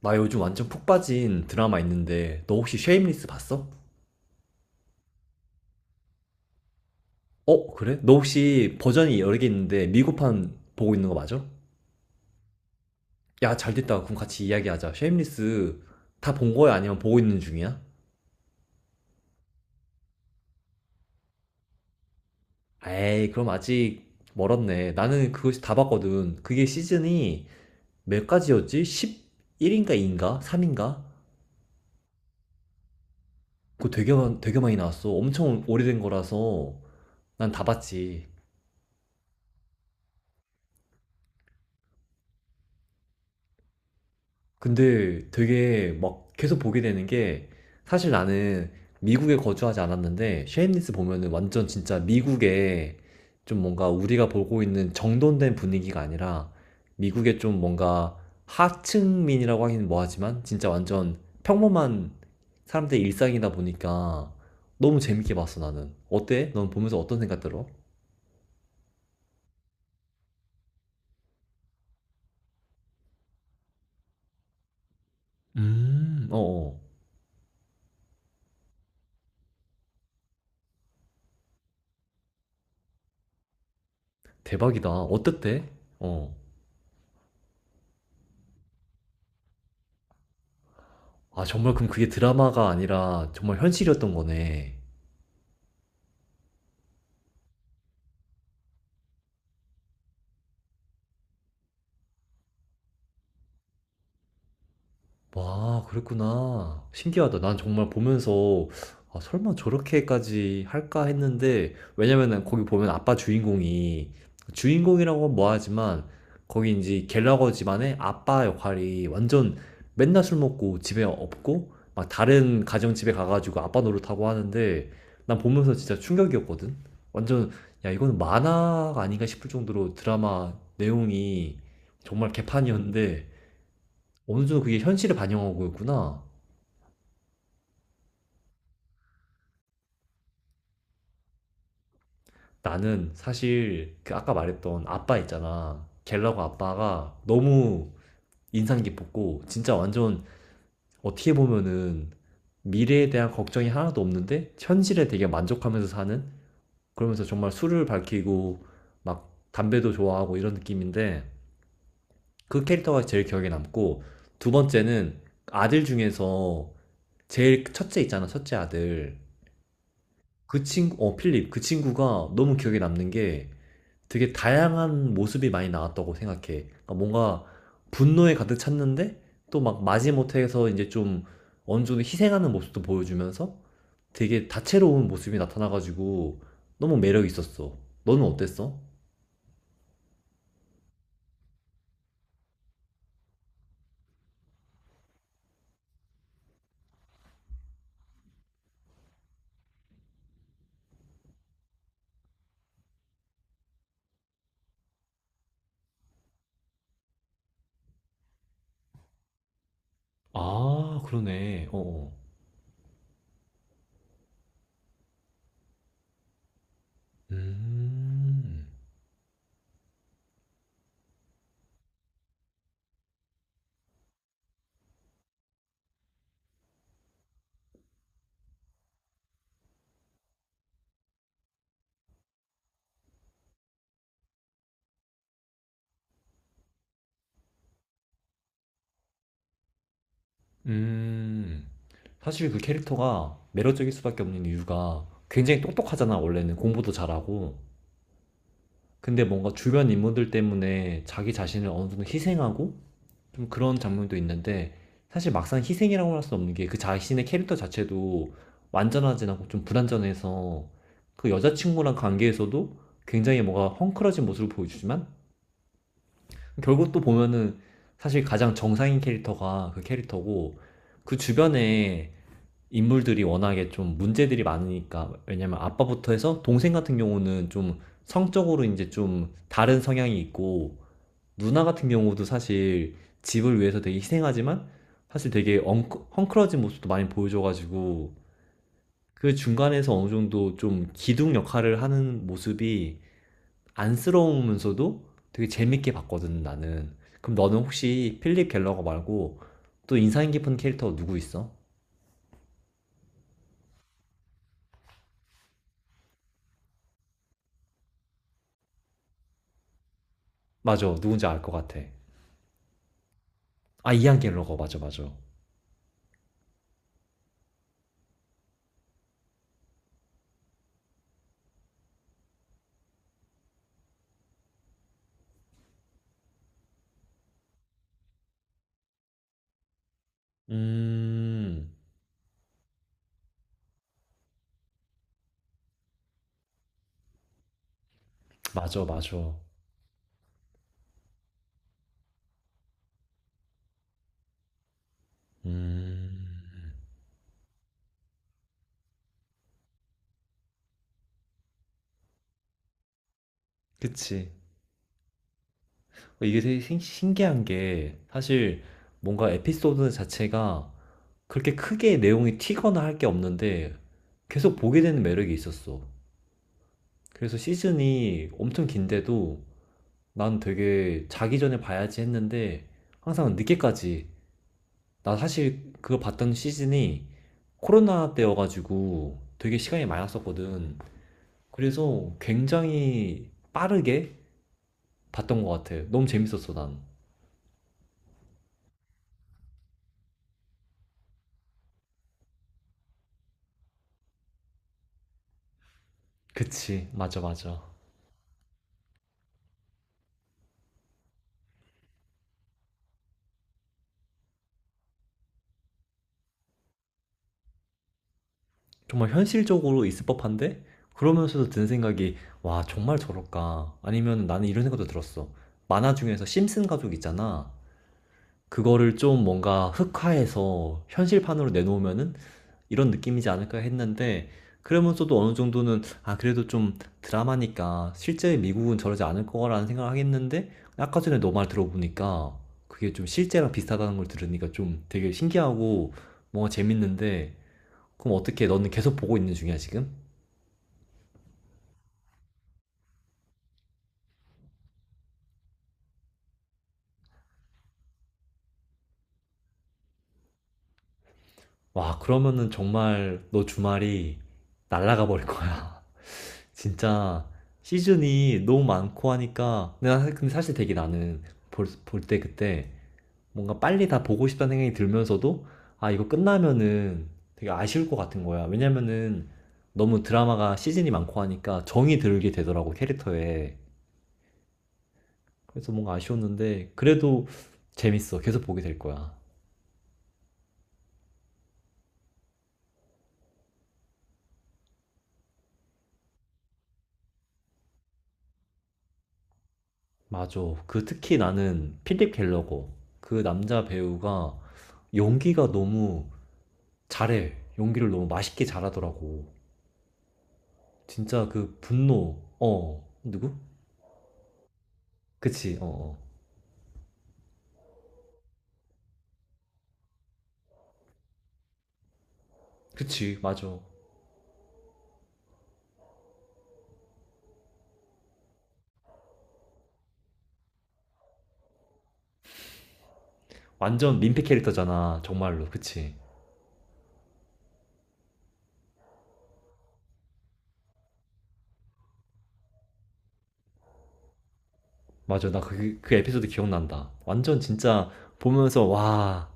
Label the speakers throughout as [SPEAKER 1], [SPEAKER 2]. [SPEAKER 1] 나 요즘 완전 푹 빠진 드라마 있는데 너 혹시 쉐임리스 봤어? 어 그래? 너 혹시 버전이 여러 개 있는데 미국판 보고 있는 거 맞아? 야 잘됐다. 그럼 같이 이야기하자 쉐임리스. 다 본 거야 아니면 보고 있는 중이야? 에이 그럼 아직 멀었네. 나는 그거 다 봤거든. 그게 시즌이 몇 가지였지? 11인가 2인가? 3인가? 그거 되게, 되게 많이 나왔어. 엄청 오래된 거라서 난 다 봤지. 근데 되게 막 계속 보게 되는 게, 사실 나는 미국에 거주하지 않았는데 쉐임리스 보면은 완전 진짜 미국의 좀 뭔가 우리가 보고 있는 정돈된 분위기가 아니라 미국의 좀 뭔가 하층민이라고 하긴 뭐하지만 진짜 완전 평범한 사람들의 일상이다 보니까 너무 재밌게 봤어 나는. 어때? 넌 보면서 어떤 생각 들어? 어어. 대박이다. 어땠대? 어. 아, 정말? 그럼 그게 드라마가 아니라 정말 현실이었던 거네. 와, 그랬구나. 신기하다. 난 정말 보면서 아, 설마 저렇게까지 할까 했는데. 왜냐면은 거기 보면 아빠 주인공이, 주인공이라고 하면 뭐하지만, 거기 이제 갤러거 집안의 아빠 역할이 완전 맨날 술 먹고 집에 없고 막 다른 가정 집에 가가지고 아빠 노릇하고 하는데 난 보면서 진짜 충격이었거든. 완전 야 이거는 만화가 아닌가 싶을 정도로 드라마 내용이 정말 개판이었는데 어느 정도 그게 현실을 반영하고 있구나. 나는 사실 그 아까 말했던 아빠 있잖아. 갤러거 아빠가 너무 인상 깊었고, 진짜 완전 어떻게 보면은 미래에 대한 걱정이 하나도 없는데 현실에 되게 만족하면서 사는, 그러면서 정말 술을 밝히고 막 담배도 좋아하고 이런 느낌인데 그 캐릭터가 제일 기억에 남고, 두 번째는 아들 중에서 제일 첫째 있잖아, 첫째 아들. 그 친구 어 필립, 그 친구가 너무 기억에 남는 게 되게 다양한 모습이 많이 나왔다고 생각해. 그러니까 뭔가 분노에 가득 찼는데 또 막 마지못해서 이제 좀 어느 정도 희생하는 모습도 보여주면서 되게 다채로운 모습이 나타나가지고 너무 매력 있었어. 너는 어땠어? 아, 그러네. 어, 어. 음, 음, 사실 그 캐릭터가 매력적일 수밖에 없는 이유가 굉장히 똑똑하잖아, 원래는. 공부도 잘하고. 근데 뭔가 주변 인물들 때문에 자기 자신을 어느 정도 희생하고 좀 그런 장면도 있는데, 사실 막상 희생이라고 할 수 없는 게 그 자신의 캐릭터 자체도 완전하진 않고 좀 불완전해서, 그 여자친구랑 관계에서도 굉장히 뭔가 헝클어진 모습을 보여주지만 결국 또 보면은 사실 가장 정상인 캐릭터가 그 캐릭터고, 그 주변에 인물들이 워낙에 좀 문제들이 많으니까. 왜냐면 아빠부터 해서 동생 같은 경우는 좀 성적으로 이제 좀 다른 성향이 있고, 누나 같은 경우도 사실 집을 위해서 되게 희생하지만 사실 되게 엉크, 헝클어진 모습도 많이 보여줘가지고 그 중간에서 어느 정도 좀 기둥 역할을 하는 모습이 안쓰러우면서도 되게 재밌게 봤거든 나는. 그럼 너는 혹시 필립 갤러거 말고 또 인상 깊은 캐릭터 누구 있어? 맞아, 누군지 알 것 같아. 아 이안 갤러거 맞아 맞아. 음 맞아 맞아. 음 그치. 그러니까 이게 되게 신기한 게 사실 뭔가 에피소드 자체가 그렇게 크게 내용이 튀거나 할 게 없는데 계속 보게 되는 매력이 있었어. 그래서 시즌이 엄청 긴데도 난 되게 자기 전에 봐야지 했는데 항상 늦게까지. 나 사실 그거 봤던 시즌이 코로나 때여가지고 되게 시간이 많았었거든. 그래서 굉장히 빠르게 봤던 것 같아. 너무 재밌었어, 난. 그치. 맞아, 맞아. 정말 현실적으로 있을 법한데 그러면서도 드는 생각이, 와 정말 저럴까 아니면 나는 이런 생각도 들었어. 만화 중에서 심슨 가족 있잖아, 그거를 좀 뭔가 흑화해서 현실판으로 내놓으면은 이런 느낌이지 않을까 했는데. 그러면서도 어느 정도는 아 그래도 좀 드라마니까 실제 미국은 저러지 않을 거라는 생각을 하겠는데, 아까 전에 너 말 들어보니까 그게 좀 실제랑 비슷하다는 걸 들으니까 좀 되게 신기하고 뭔가 재밌는데. 그럼 어떻게, 너는 계속 보고 있는 중이야 지금? 와, 그러면은 정말 너 주말이 날아가 버릴 거야. 진짜 시즌이 너무 많고 하니까. 근데 나- 근데 사실 되게 나는 볼, 볼 때 그때 뭔가 빨리 다 보고 싶다는 생각이 들면서도 아, 이거 끝나면은 되게 아쉬울 것 같은 거야. 왜냐면은 너무 드라마가 시즌이 많고 하니까 정이 들게 되더라고, 캐릭터에. 그래서 뭔가 아쉬웠는데 그래도 재밌어. 계속 보게 될 거야. 맞아. 그 특히 나는 필립 갤러거, 그 남자 배우가 연기가 너무 잘해. 연기를 너무 맛있게 잘하더라고. 진짜 그 분노. 어. 누구? 그치. 어. 어. 그치. 맞아. 완전 민폐 캐릭터잖아. 정말로. 그치. 맞아. 나 그, 그 에피소드 기억난다. 완전 진짜 보면서 와.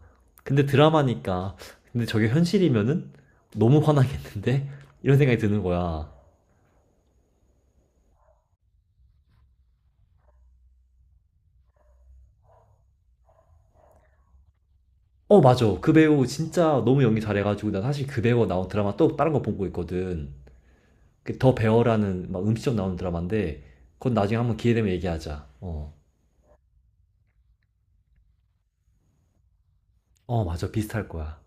[SPEAKER 1] 근데 드라마니까. 근데 저게 현실이면은 너무 화나겠는데? 이런 생각이 드는 거야. 어, 맞아. 그 배우 진짜 너무 연기 잘해가지고, 나 사실 그 배우가 나온 드라마 또 다른 거 보고 있거든. 그더 배어라는 막 음식점 나오는 드라마인데, 그건 나중에 한번 기회 되면 얘기하자. 어. 어, 맞아. 비슷할 거야.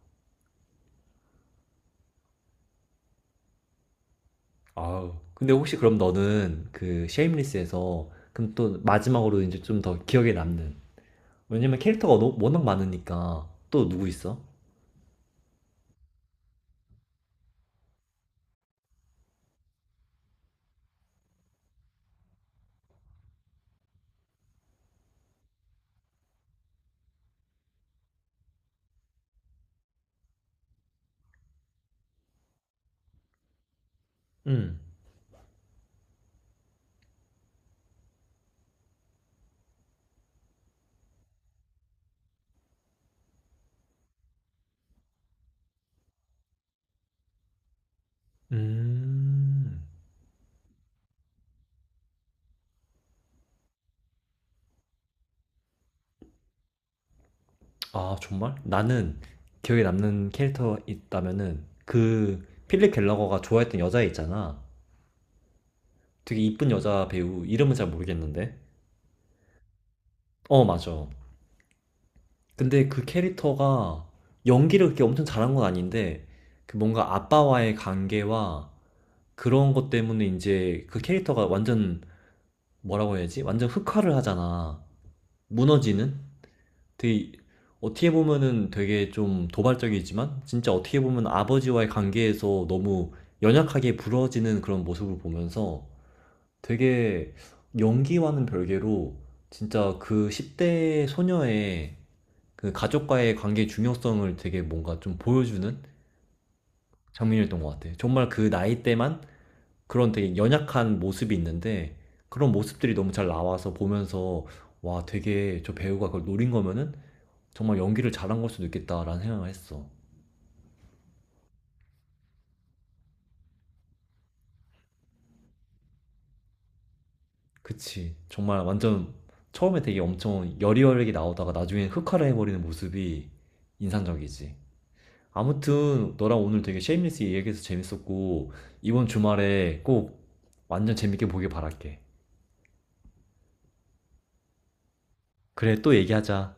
[SPEAKER 1] 아우. 근데 혹시 그럼 너는 그 쉐임리스에서, 그럼 또 마지막으로 이제 좀 더 기억에 남는. 왜냐면 캐릭터가 너- 워낙 많으니까, 또 누구 있어? 응. 음. 음. 아, 정말? 나는 기억에 남는 캐릭터 있다면은 그 필립 갤러거가 좋아했던 여자 있잖아. 되게 이쁜 여자, 배우 이름은 잘 모르겠는데. 어, 맞아. 근데 그 캐릭터가 연기를 그렇게 엄청 잘한 건 아닌데, 그 뭔가 아빠와의 관계와 그런 것 때문에 이제 그 캐릭터가 완전, 뭐라고 해야지? 완전 흑화를 하잖아. 무너지는? 되게 어떻게 보면은 되게 좀 도발적이지만 진짜 어떻게 보면 아버지와의 관계에서 너무 연약하게 부러지는 그런 모습을 보면서 되게 연기와는 별개로 진짜 그 10대 소녀의 그 가족과의 관계의 중요성을 되게 뭔가 좀 보여주는 장면이었던 것 같아. 요 정말 그 나이 때만 그런 되게 연약한 모습이 있는데 그런 모습들이 너무 잘 나와서 보면서 와, 되게 저 배우가 그걸 노린 거면은 정말 연기를 잘한 걸 수도 있겠다라는 생각을 했어. 그치. 정말 완전 처음에 되게 엄청 여리여리하게 나오다가 나중에 흑화를 해버리는 모습이 인상적이지. 아무튼 너랑 오늘 되게 쉐임리스 얘기해서 재밌었고 이번 주말에 꼭 완전 재밌게 보길 바랄게. 그래, 또 얘기하자.